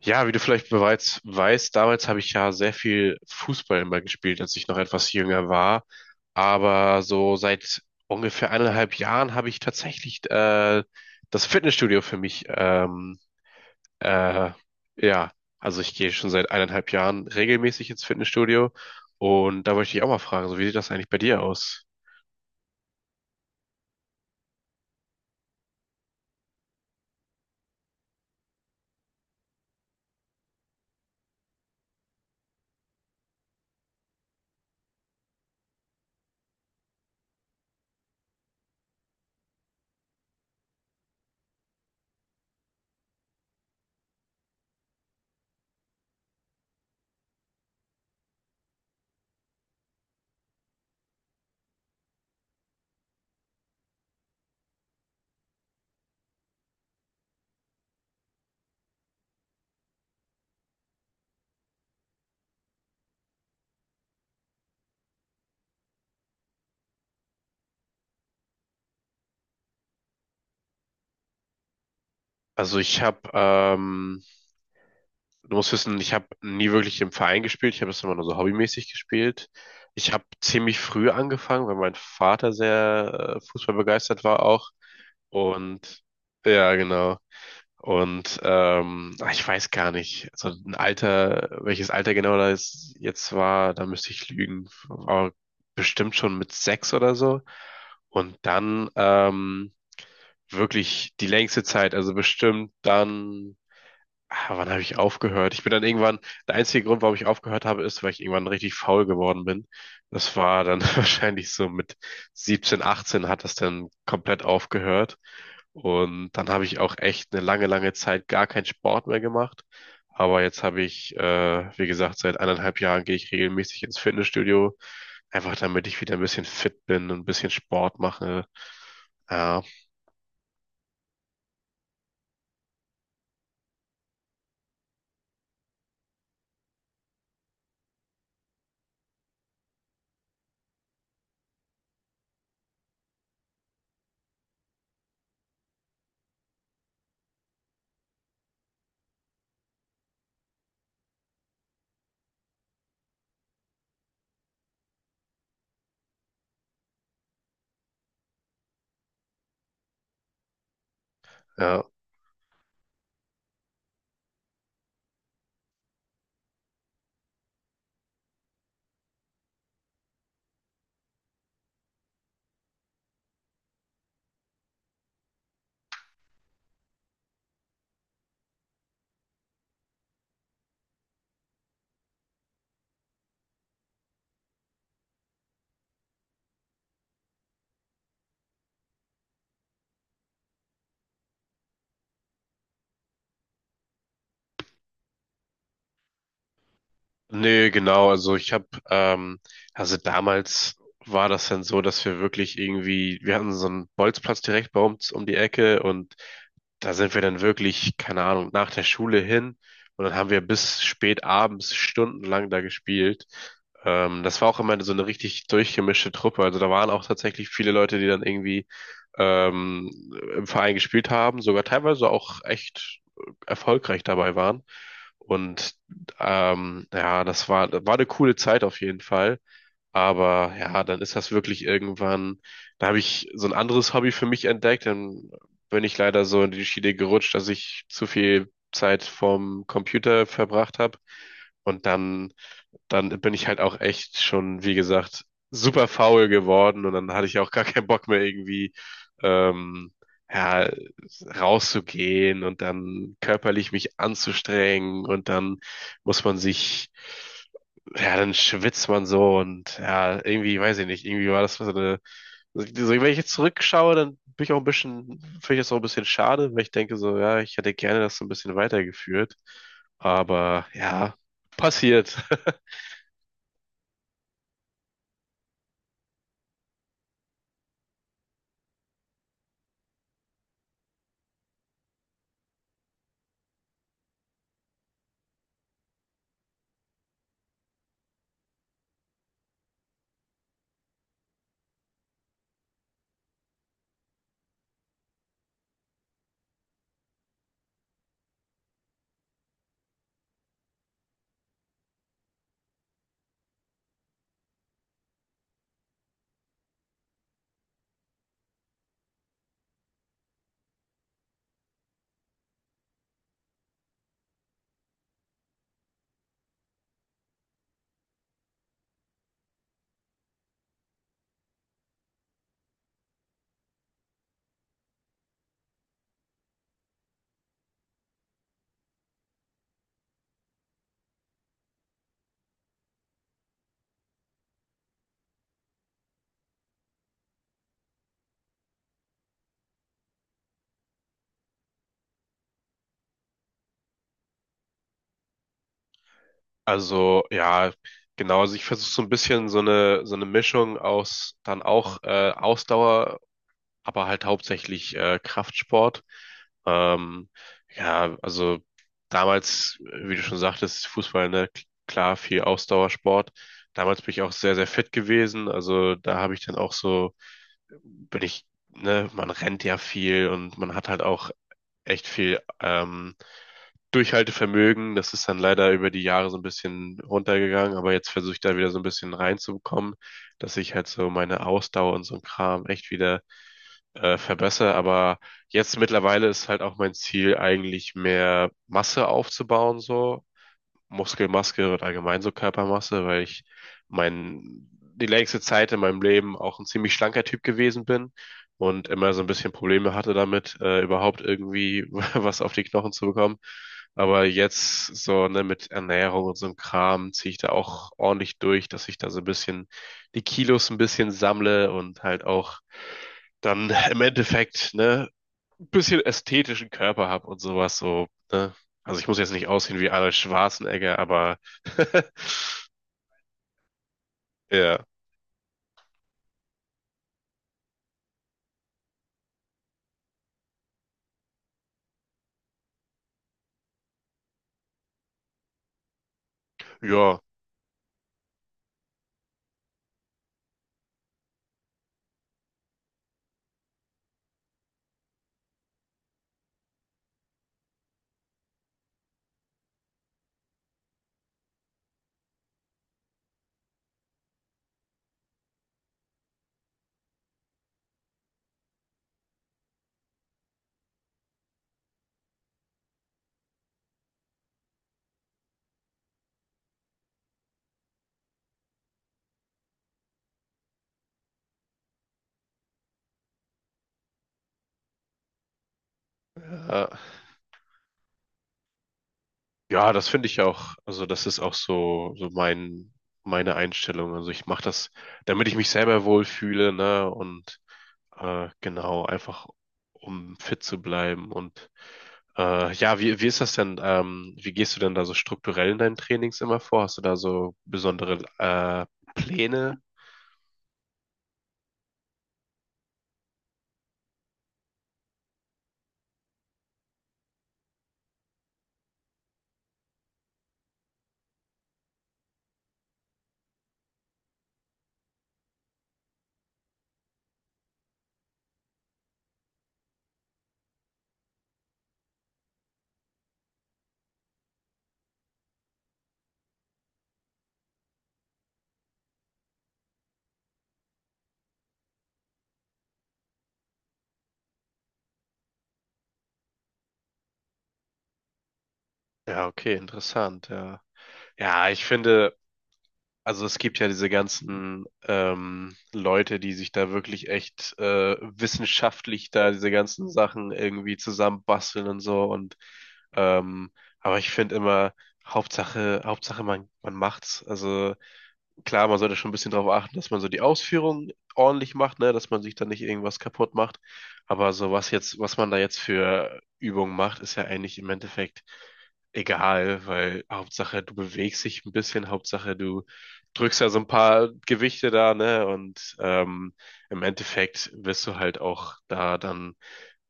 Ja, wie du vielleicht bereits weißt, damals habe ich ja sehr viel Fußball immer gespielt, als ich noch etwas jünger war. Aber so seit ungefähr eineinhalb Jahren habe ich tatsächlich das Fitnessstudio für mich. Äh, ja, also ich gehe schon seit eineinhalb Jahren regelmäßig ins Fitnessstudio. Und da wollte ich dich auch mal fragen, so wie sieht das eigentlich bei dir aus? Also ich habe du musst wissen, ich habe nie wirklich im Verein gespielt. Ich habe das immer nur so hobbymäßig gespielt. Ich habe ziemlich früh angefangen, weil mein Vater sehr fußballbegeistert war auch. Und ja, genau. Und ich weiß gar nicht, so ein Alter, welches Alter genau das jetzt war, da müsste ich lügen. Aber bestimmt schon mit sechs oder so. Und dann wirklich die längste Zeit, also bestimmt dann ah, wann habe ich aufgehört? Ich bin dann irgendwann, der einzige Grund, warum ich aufgehört habe, ist, weil ich irgendwann richtig faul geworden bin. Das war dann wahrscheinlich so mit 17, 18 hat das dann komplett aufgehört. Und dann habe ich auch echt eine lange, lange Zeit gar keinen Sport mehr gemacht. Aber jetzt habe ich, wie gesagt, seit eineinhalb Jahren gehe ich regelmäßig ins Fitnessstudio. Einfach damit ich wieder ein bisschen fit bin und ein bisschen Sport mache. Ja, ja. Nee, genau. Also ich habe, also damals war das dann so, dass wir wirklich irgendwie, wir hatten so einen Bolzplatz direkt bei uns um die Ecke und da sind wir dann wirklich, keine Ahnung, nach der Schule hin und dann haben wir bis spät abends stundenlang da gespielt. Das war auch immer so eine richtig durchgemischte Truppe. Also da waren auch tatsächlich viele Leute, die dann irgendwie ähm, im Verein gespielt haben, sogar teilweise auch echt erfolgreich dabei waren. Und ja, das war, war eine coole Zeit auf jeden Fall. Aber ja, dann ist das wirklich irgendwann, da habe ich so ein anderes Hobby für mich entdeckt, dann bin ich leider so in die Schiene gerutscht, dass ich zu viel Zeit vorm Computer verbracht habe. Und dann bin ich halt auch echt schon, wie gesagt, super faul geworden und dann hatte ich auch gar keinen Bock mehr irgendwie ähm, ja, rauszugehen und dann körperlich mich anzustrengen und dann muss man sich, ja, dann schwitzt man so und ja, irgendwie, weiß ich nicht, irgendwie war das so eine, so, wenn ich jetzt zurückschaue, dann bin ich auch ein bisschen, finde ich das auch ein bisschen schade, weil ich denke so, ja, ich hätte gerne das so ein bisschen weitergeführt, aber ja, passiert. Also ja, genau. Also ich versuche so ein bisschen so eine Mischung aus dann auch Ausdauer, aber halt hauptsächlich Kraftsport. Ähm, ja, also damals, wie du schon sagtest, Fußball, ne, klar, viel Ausdauersport. Damals bin ich auch sehr, sehr fit gewesen. Also da habe ich dann auch so, bin ich, ne, man rennt ja viel und man hat halt auch echt viel Durchhaltevermögen. Das ist dann leider über die Jahre so ein bisschen runtergegangen, aber jetzt versuche ich da wieder so ein bisschen reinzubekommen, dass ich halt so meine Ausdauer und so ein Kram echt wieder verbessere. Aber jetzt mittlerweile ist halt auch mein Ziel, eigentlich mehr Masse aufzubauen, so. Muskelmasse und allgemein so Körpermasse, weil ich mein, die längste Zeit in meinem Leben auch ein ziemlich schlanker Typ gewesen bin und immer so ein bisschen Probleme hatte damit, überhaupt irgendwie was auf die Knochen zu bekommen. Aber jetzt so, ne, mit Ernährung und so einem Kram ziehe ich da auch ordentlich durch, dass ich da so ein bisschen die Kilos ein bisschen sammle und halt auch dann im Endeffekt, ne, ein bisschen ästhetischen Körper habe und sowas so, ne? Also ich muss jetzt nicht aussehen wie Arnold Schwarzenegger, aber ja, ja, äh, ja, das finde ich auch, also das ist auch so, so mein, meine Einstellung. Also ich mache das, damit ich mich selber wohlfühle, ne? Und genau, einfach um fit zu bleiben. Und ja, wie, wie ist das denn? Wie gehst du denn da so strukturell in deinen Trainings immer vor? Hast du da so besondere Pläne? Ja, okay, interessant, ja. Ja, ich finde, also es gibt ja diese ganzen Leute, die sich da wirklich echt wissenschaftlich da diese ganzen Sachen irgendwie zusammenbasteln und so und ähm, aber ich finde immer, Hauptsache, Hauptsache man, man macht's. Also klar, man sollte schon ein bisschen darauf achten, dass man so die Ausführung ordentlich macht, ne, dass man sich dann nicht irgendwas kaputt macht. Aber so was jetzt, was man da jetzt für Übungen macht, ist ja eigentlich im Endeffekt egal, weil Hauptsache du bewegst dich ein bisschen, Hauptsache du drückst ja so ein paar Gewichte da, ne, und im Endeffekt wirst du halt auch da dann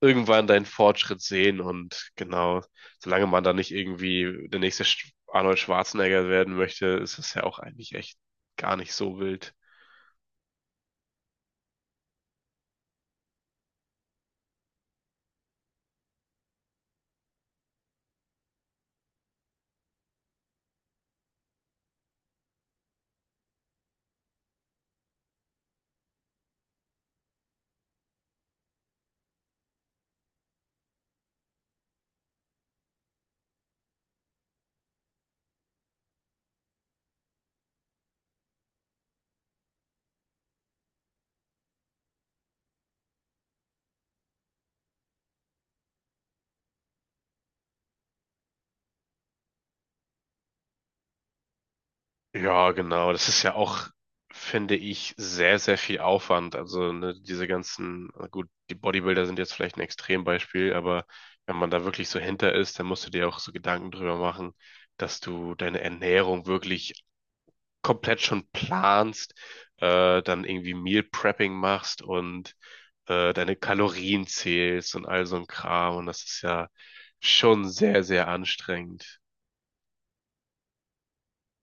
irgendwann deinen Fortschritt sehen und genau, solange man da nicht irgendwie der nächste Arnold Schwarzenegger werden möchte, ist es ja auch eigentlich echt gar nicht so wild. Ja, genau, das ist ja auch, finde ich, sehr, sehr viel Aufwand. Also ne, diese ganzen, na gut, die Bodybuilder sind jetzt vielleicht ein Extrembeispiel, aber wenn man da wirklich so hinter ist, dann musst du dir auch so Gedanken drüber machen, dass du deine Ernährung wirklich komplett schon planst, dann irgendwie Meal Prepping machst und deine Kalorien zählst und all so ein Kram. Und das ist ja schon sehr, sehr anstrengend.